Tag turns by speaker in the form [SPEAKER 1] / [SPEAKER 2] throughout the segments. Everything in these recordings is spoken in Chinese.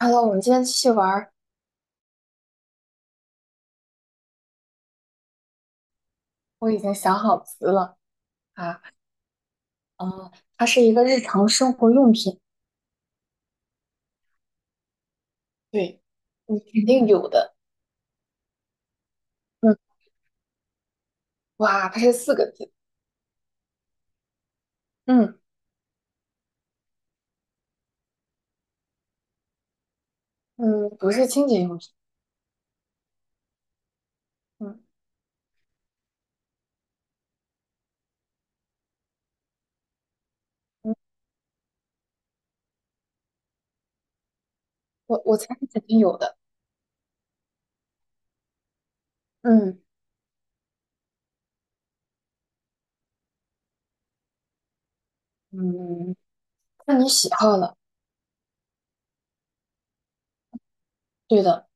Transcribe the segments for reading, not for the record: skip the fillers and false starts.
[SPEAKER 1] Hello，我们今天继续玩儿。我已经想好词了啊，哦，它是一个日常生活用品，对，你肯定有的。嗯，哇，它是四个字。嗯嗯，不是清洁用品。嗯嗯，我猜你肯定有的。嗯嗯，看你喜好了。对的，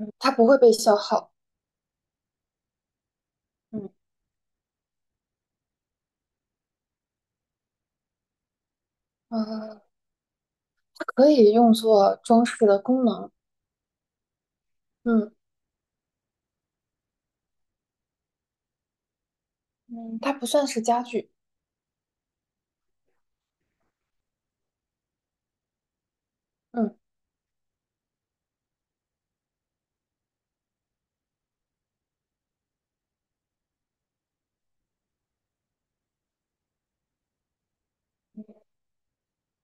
[SPEAKER 1] 嗯，它不会被消耗。嗯呃，它可以用作装饰的功能。嗯嗯，它不算是家具。嗯，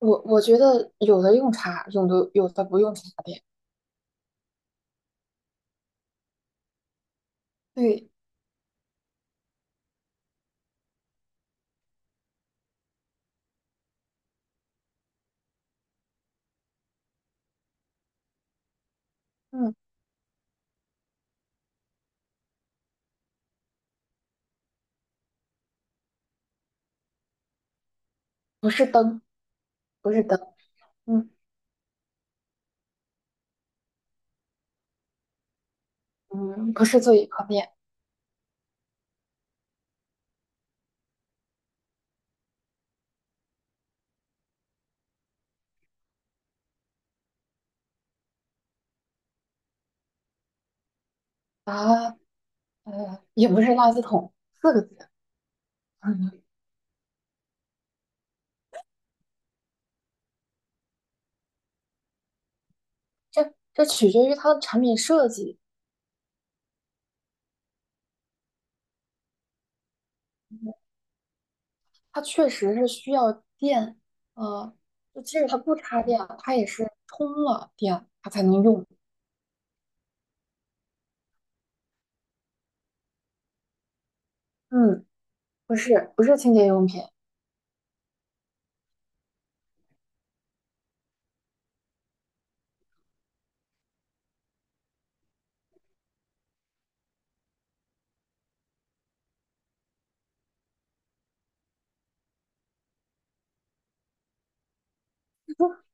[SPEAKER 1] 我觉得有的用茶，有的不用茶的。对。嗯。不是灯，不是灯，嗯嗯，不是座椅靠垫啊，也不是垃圾桶，四个字。嗯，这取决于它的产品设计，它确实是需要电，呃，就即使它不插电啊，它也是充了电它才能用。嗯，不是清洁用品，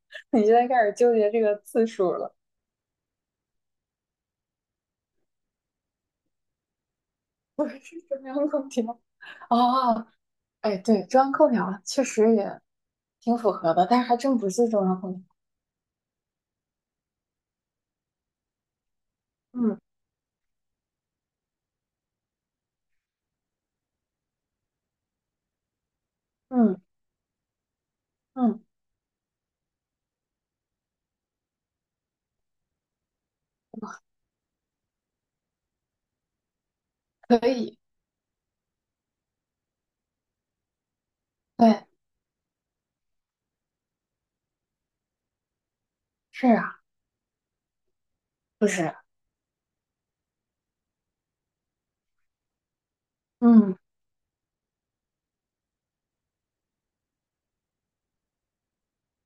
[SPEAKER 1] 你现在开始纠结这个字数了，不是中央空调。哦，哎，对，中央空调确实也挺符合的，但是还真不是中央空调。嗯。嗯嗯，可以，对，是啊，不是，嗯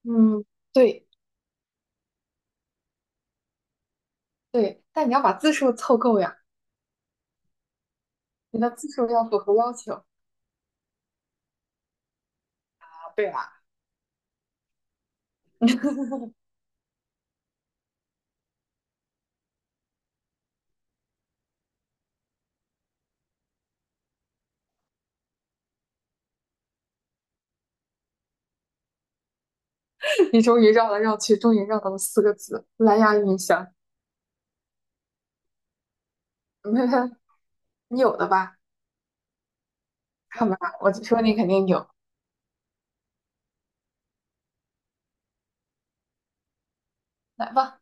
[SPEAKER 1] 嗯，对对，但你要把字数凑够呀，你的字数要符合要求啊。对啦，你终于绕来绕去，终于绕到了四个字，蓝牙音箱，你有的吧？看吧，我就说你肯定有，来吧，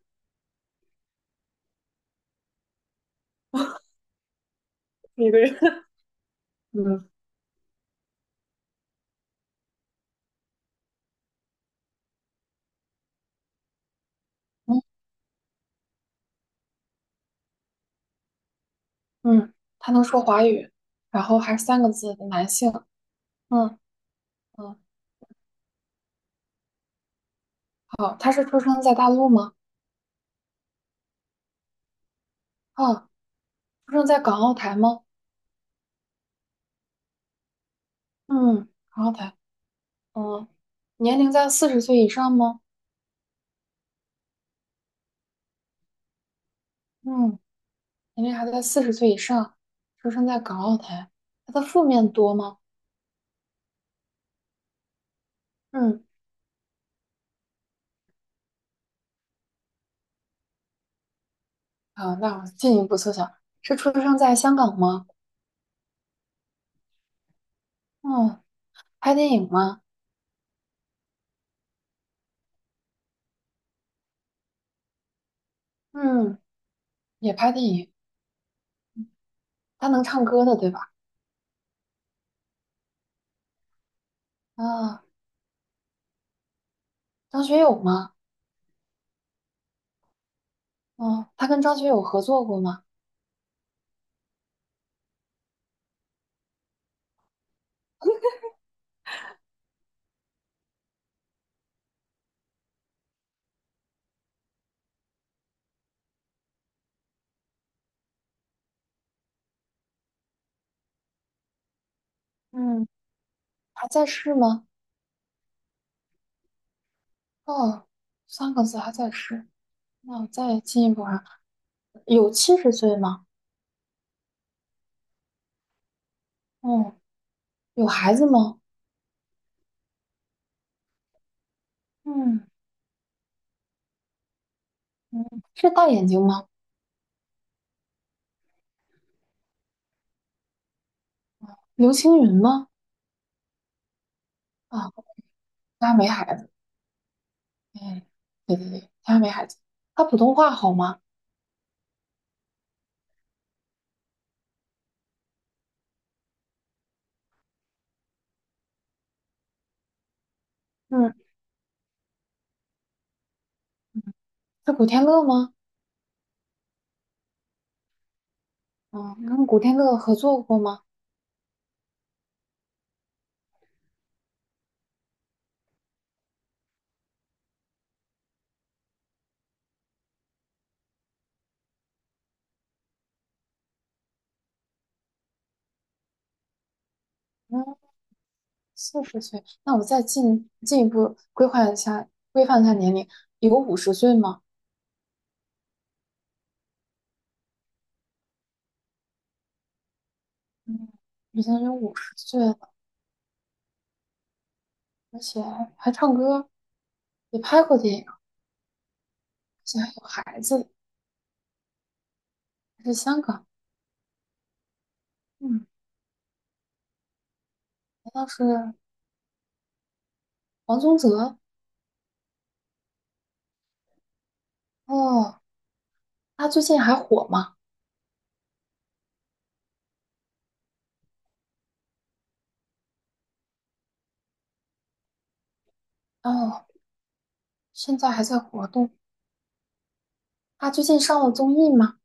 [SPEAKER 1] 一个人，嗯嗯嗯，他能说华语，然后还是三个字的男性，嗯嗯，好，他是出生在大陆吗？啊，出生在港澳台吗？嗯，港澳台。嗯。年龄在四十岁以上吗？嗯，年龄还在四十岁以上，出生在港澳台。他的负面多吗？嗯，好，那我进一步缩小，是出生在香港吗？嗯，拍电影吗？嗯，也拍电影。他能唱歌的，对吧？啊，张学友吗？嗯，他跟张学友合作过吗？嗯，还在世吗？哦，三个字还在世。那我再进一步啊，有70岁吗？嗯，有孩子吗？嗯嗯，是大眼睛吗？刘青云吗？啊，他没孩子。哎，对对对，他没孩子。他普通话好吗？嗯，是古天乐吗？嗯，跟古天乐合作过吗？嗯，四十岁。那我再进一步规划一下，规范一下年龄，有五十岁吗？嗯，已经有五十岁了，而且还唱歌，也拍过电影，而且还有孩子，还是香港。嗯，难道是王宗泽？哦，他最近还火吗？哦，现在还在活动。他最近上了综艺吗？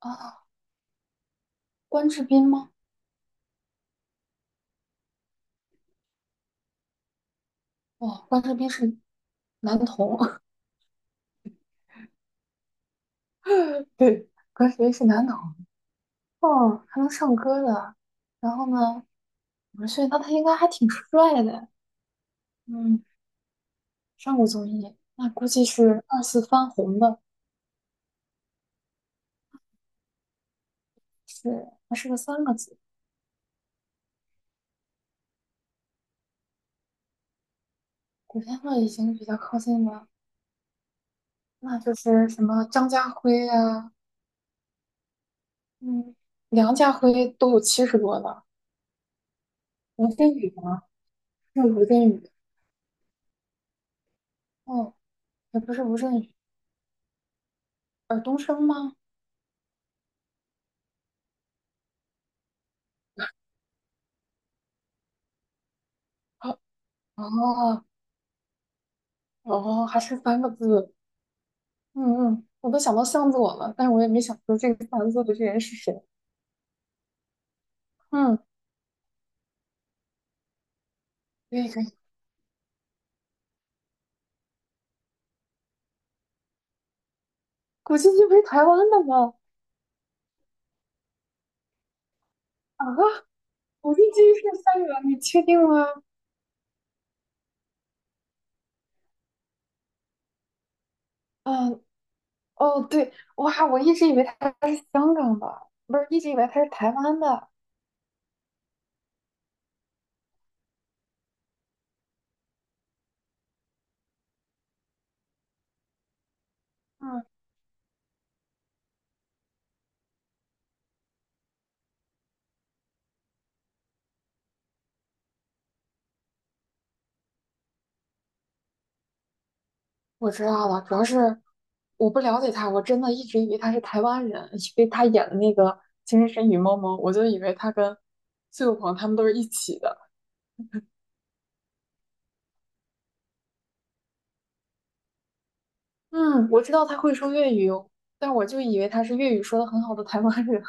[SPEAKER 1] 啊，关智斌吗？哦，关智斌是男童，对，关智斌是男童。哦，还能唱歌的。然后呢，五十岁，那他应该还挺帅的。嗯，上过综艺，那估计是二次翻红的。是，还是个三个字。古天乐已经比较靠近了，那就是什么张家辉呀，嗯，梁家辉都有70多了。吴镇宇吗？是吴镇宇。哦，也不是吴镇宇，尔冬升吗？啊哦哦，还是三个字，嗯嗯，我都想到向佐了，但是我也没想出这个三个字的这人是谁。嗯，可以可以，古巨基不是台湾的吗？啊，古巨基是香港，你确定吗？嗯，哦对，哇，我一直以为他是香港的，不是，一直以为他是台湾的。嗯，我知道了，主要是我不了解他，我真的一直以为他是台湾人，因为他演的那个《情深深雨蒙蒙》，我就以为他跟苏有朋他们都是一起的。嗯，我知道他会说粤语哦但我就以为他是粤语说的很好的台湾人，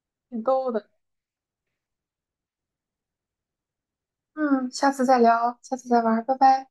[SPEAKER 1] 挺逗的。嗯，下次再聊，下次再玩，拜拜。